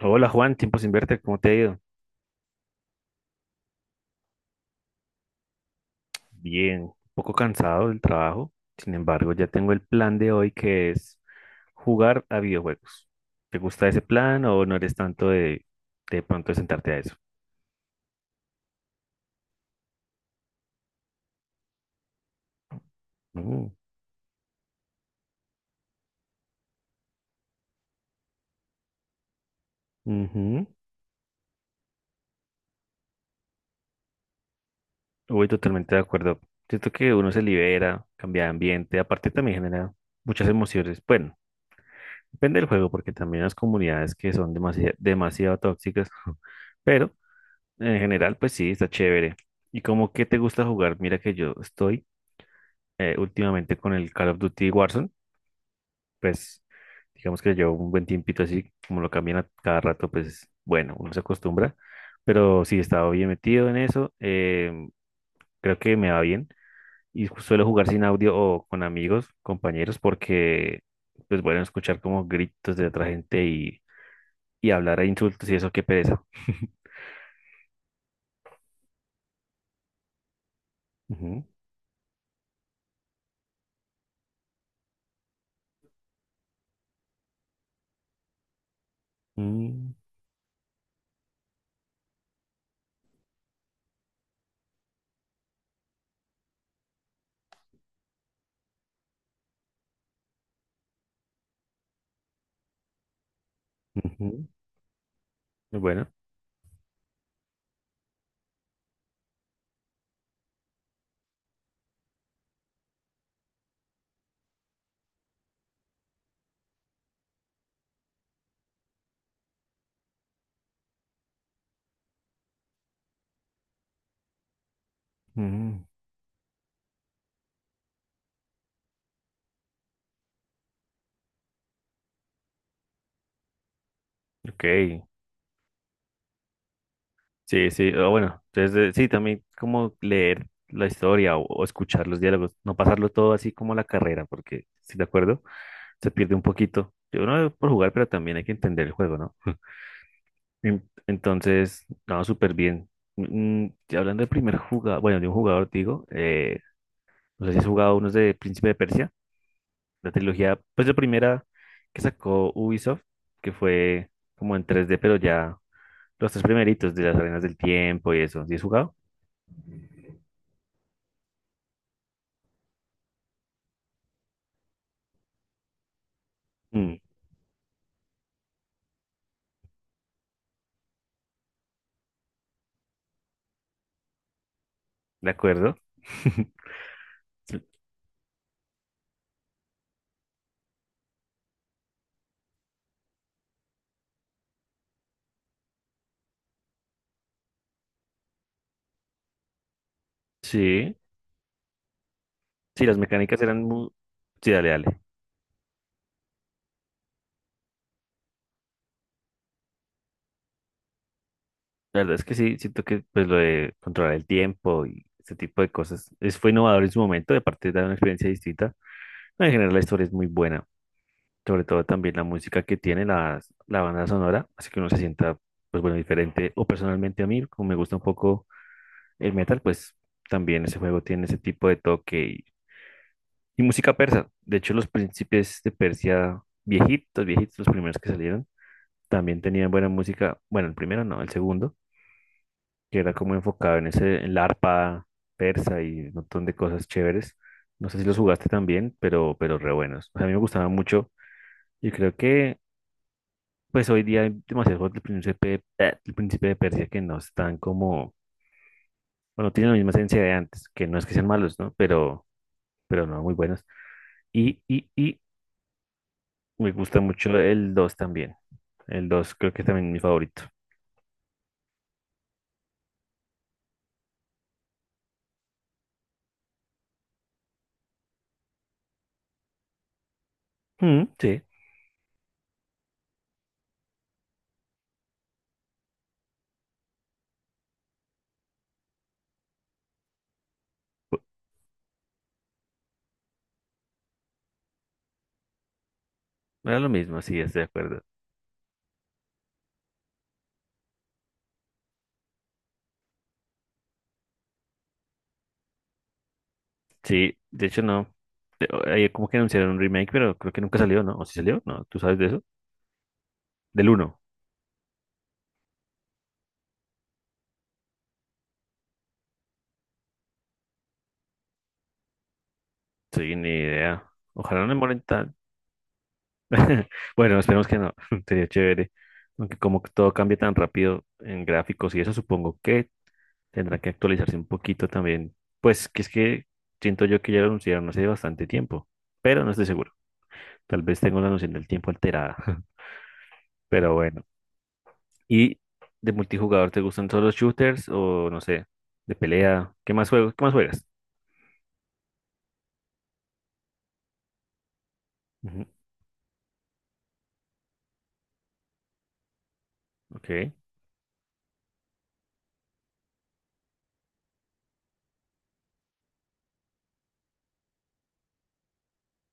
Hola Juan, tiempo sin verte, ¿cómo te ha ido? Bien, un poco cansado del trabajo, sin embargo ya tengo el plan de hoy que es jugar a videojuegos. ¿Te gusta ese plan o no eres tanto de pronto de sentarte a eso? Mm. Ujú. Voy totalmente de acuerdo. Siento que uno se libera, cambia de ambiente, aparte también genera muchas emociones. Bueno, depende del juego porque también las comunidades que son demasiado, demasiado tóxicas. Pero en general, pues sí, está chévere. ¿Y cómo que te gusta jugar? Mira que yo estoy, últimamente, con el Call of Duty Warzone. Pues digamos que llevo un buen tiempito así, como lo cambian a cada rato, pues bueno, uno se acostumbra, pero sí, he estado bien metido en eso, creo que me va bien, y suelo jugar sin audio o con amigos, compañeros, porque pues bueno, escuchar como gritos de otra gente y hablar a insultos y eso, qué pereza. Ujú. Mm. Ujú. Bueno. Ok, sí, sí, o bueno, entonces, sí, también como leer la historia o escuchar los diálogos, no pasarlo todo así como a la carrera, porque, si de acuerdo, se pierde un poquito. Yo no por jugar, pero también hay que entender el juego, ¿no? Entonces, no, súper bien. Y hablando del primer jugador, bueno, de un jugador, digo, no sé si has jugado unos de Príncipe de Persia, la trilogía, pues la primera que sacó Ubisoft, que fue como en tres d, pero ya los tres primeritos, de las arenas del tiempo y eso. ¿Sí has jugado? Mm, ¿de acuerdo? Sí, sí, las mecánicas eran muy. Sí, dale, dale. La verdad es que sí, siento que pues lo de controlar el tiempo y ese tipo de cosas es, fue innovador en su momento, de parte de una experiencia distinta. En general la historia es muy buena, sobre todo también la música que tiene, la banda sonora, así que uno se sienta pues bueno, diferente. O personalmente a mí, como me gusta un poco el metal, pues también ese juego tiene ese tipo de toque y música persa. De hecho, los príncipes de Persia viejitos, viejitos, los primeros que salieron, también tenían buena música. Bueno, el primero no, el segundo, que era como enfocado en ese, en la arpa persa y un montón de cosas chéveres. No sé si los jugaste también, pero re buenos. O sea, a mí me gustaban mucho. Y creo que, pues hoy día hay demasiados juegos del príncipe de Persia, que no están como, bueno, tienen la misma esencia de antes, que no es que sean malos, ¿no? Pero no, muy buenos. Y me gusta mucho el 2 también. El 2 creo que es también mi favorito. Mm, sí, pu- era lo mismo, sí, estoy de acuerdo. Sí, de hecho no. Ahí como que anunciaron un remake, pero creo que nunca salió, ¿no? ¿O si salió? No, ¿tú sabes de eso? Del uno. Sí, ni idea. Ojalá no demoren tan. Bueno, esperemos que no. Sería chévere. Aunque como que todo cambia tan rápido en gráficos y eso, supongo que tendrá que actualizarse un poquito también. Pues que es que siento yo que ya lo anunciaron hace bastante tiempo, pero no estoy seguro. Tal vez tengo la noción del tiempo alterada. Pero bueno. Y de multijugador, ¿te gustan solo shooters o no sé, de pelea? ¿Qué más juegos? ¿Qué más juegas? Ujú. Ok.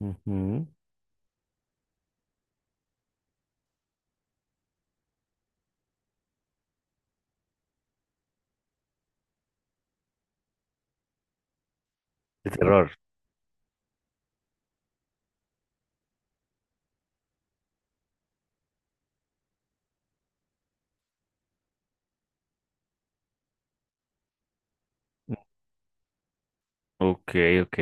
Ujú. De terror. Ok, ok.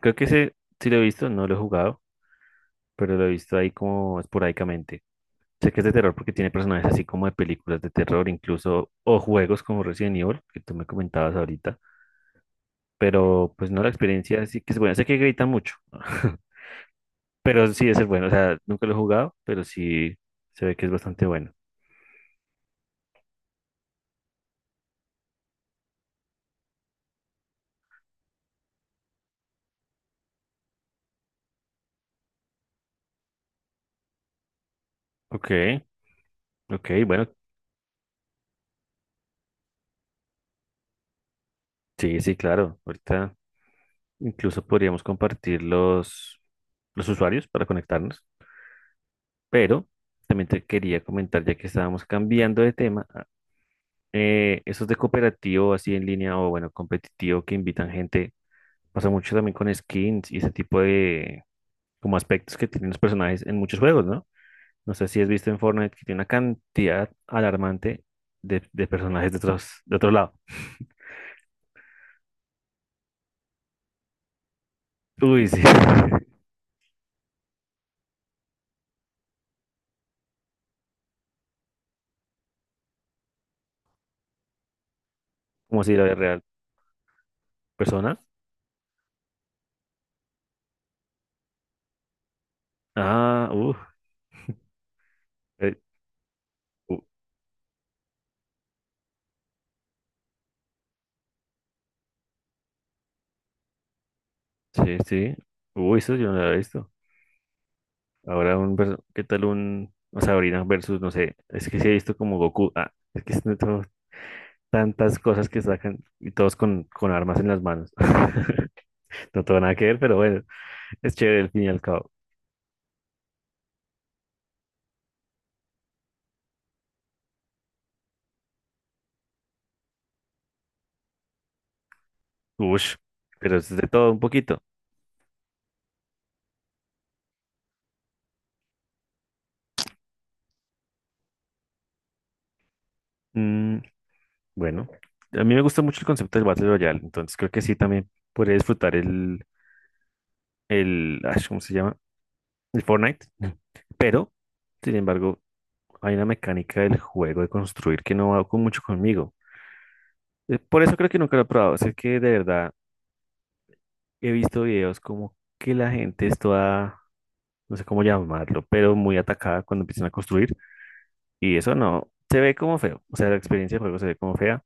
Creo que ese sí lo he visto, no lo he jugado, pero lo he visto ahí como esporádicamente. Sé que es de terror porque tiene personajes así como de películas de terror, incluso, o juegos como Resident Evil, que tú me comentabas ahorita, pero pues no, la experiencia sí que es buena. Sé que gritan mucho. Pero sí es el bueno, o sea, nunca lo he jugado, pero sí se ve que es bastante bueno. Ok, ok, bueno, sí, sí, claro. Ahorita incluso podríamos compartir los usuarios para conectarnos, pero también te quería comentar, ya que estábamos cambiando de tema, esos de cooperativo así en línea o, bueno, competitivo, que invitan gente, pasa mucho también con skins y ese tipo de como aspectos que tienen los personajes en muchos juegos, ¿no? No sé si has visto en Fortnite que tiene una cantidad alarmante de personajes de otros, de otro lado. Uy, sí. Como si la vida real. Persona. Ah, uff. Sí, sí. Uy, eso yo no lo había visto. Ahora un ¿qué tal un o Sabrina versus, no sé, es que sí he visto como Goku? Ah, es que son tantas cosas que sacan y todos con armas en las manos. No tengo nada que ver, pero bueno, es chévere al fin y al cabo. Ush, pero es de todo un poquito. Mm, Bueno, a mí me gusta mucho el concepto del Battle Royale, entonces creo que sí también podría disfrutar el, ¿cómo se llama? El Fortnite. Pero, sin embargo, hay una mecánica del juego de construir que no va con mucho conmigo. Por eso creo que nunca lo he probado. Sé que de verdad he visto videos como que la gente es toda, no sé cómo llamarlo, pero muy atacada cuando empiezan a construir, y eso no, se ve como feo. O sea, la experiencia de juego se ve como fea.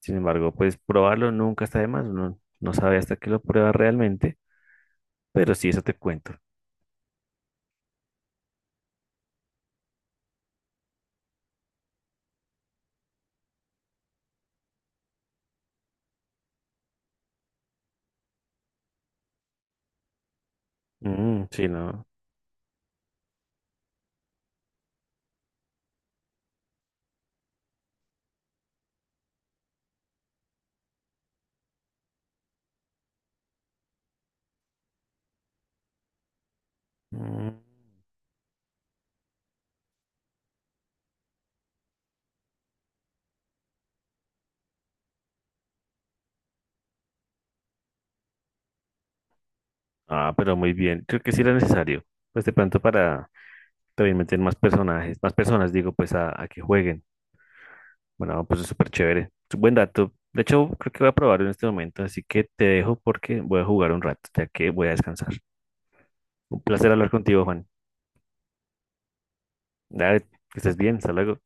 Sin embargo, pues probarlo nunca está de más, uno no sabe hasta que lo prueba realmente. Pero sí, eso te cuento. Mm, sí, no. Mm. Ah, pero muy bien. Creo que sí era necesario. Pues de pronto para también meter más personajes, más personas, digo, pues a que jueguen. Bueno, pues es súper chévere. Es un buen dato. De hecho, creo que voy a probarlo en este momento, así que te dejo porque voy a jugar un rato, ya que voy a descansar. Un placer hablar contigo, Juan. Dale, que estés bien. Hasta luego.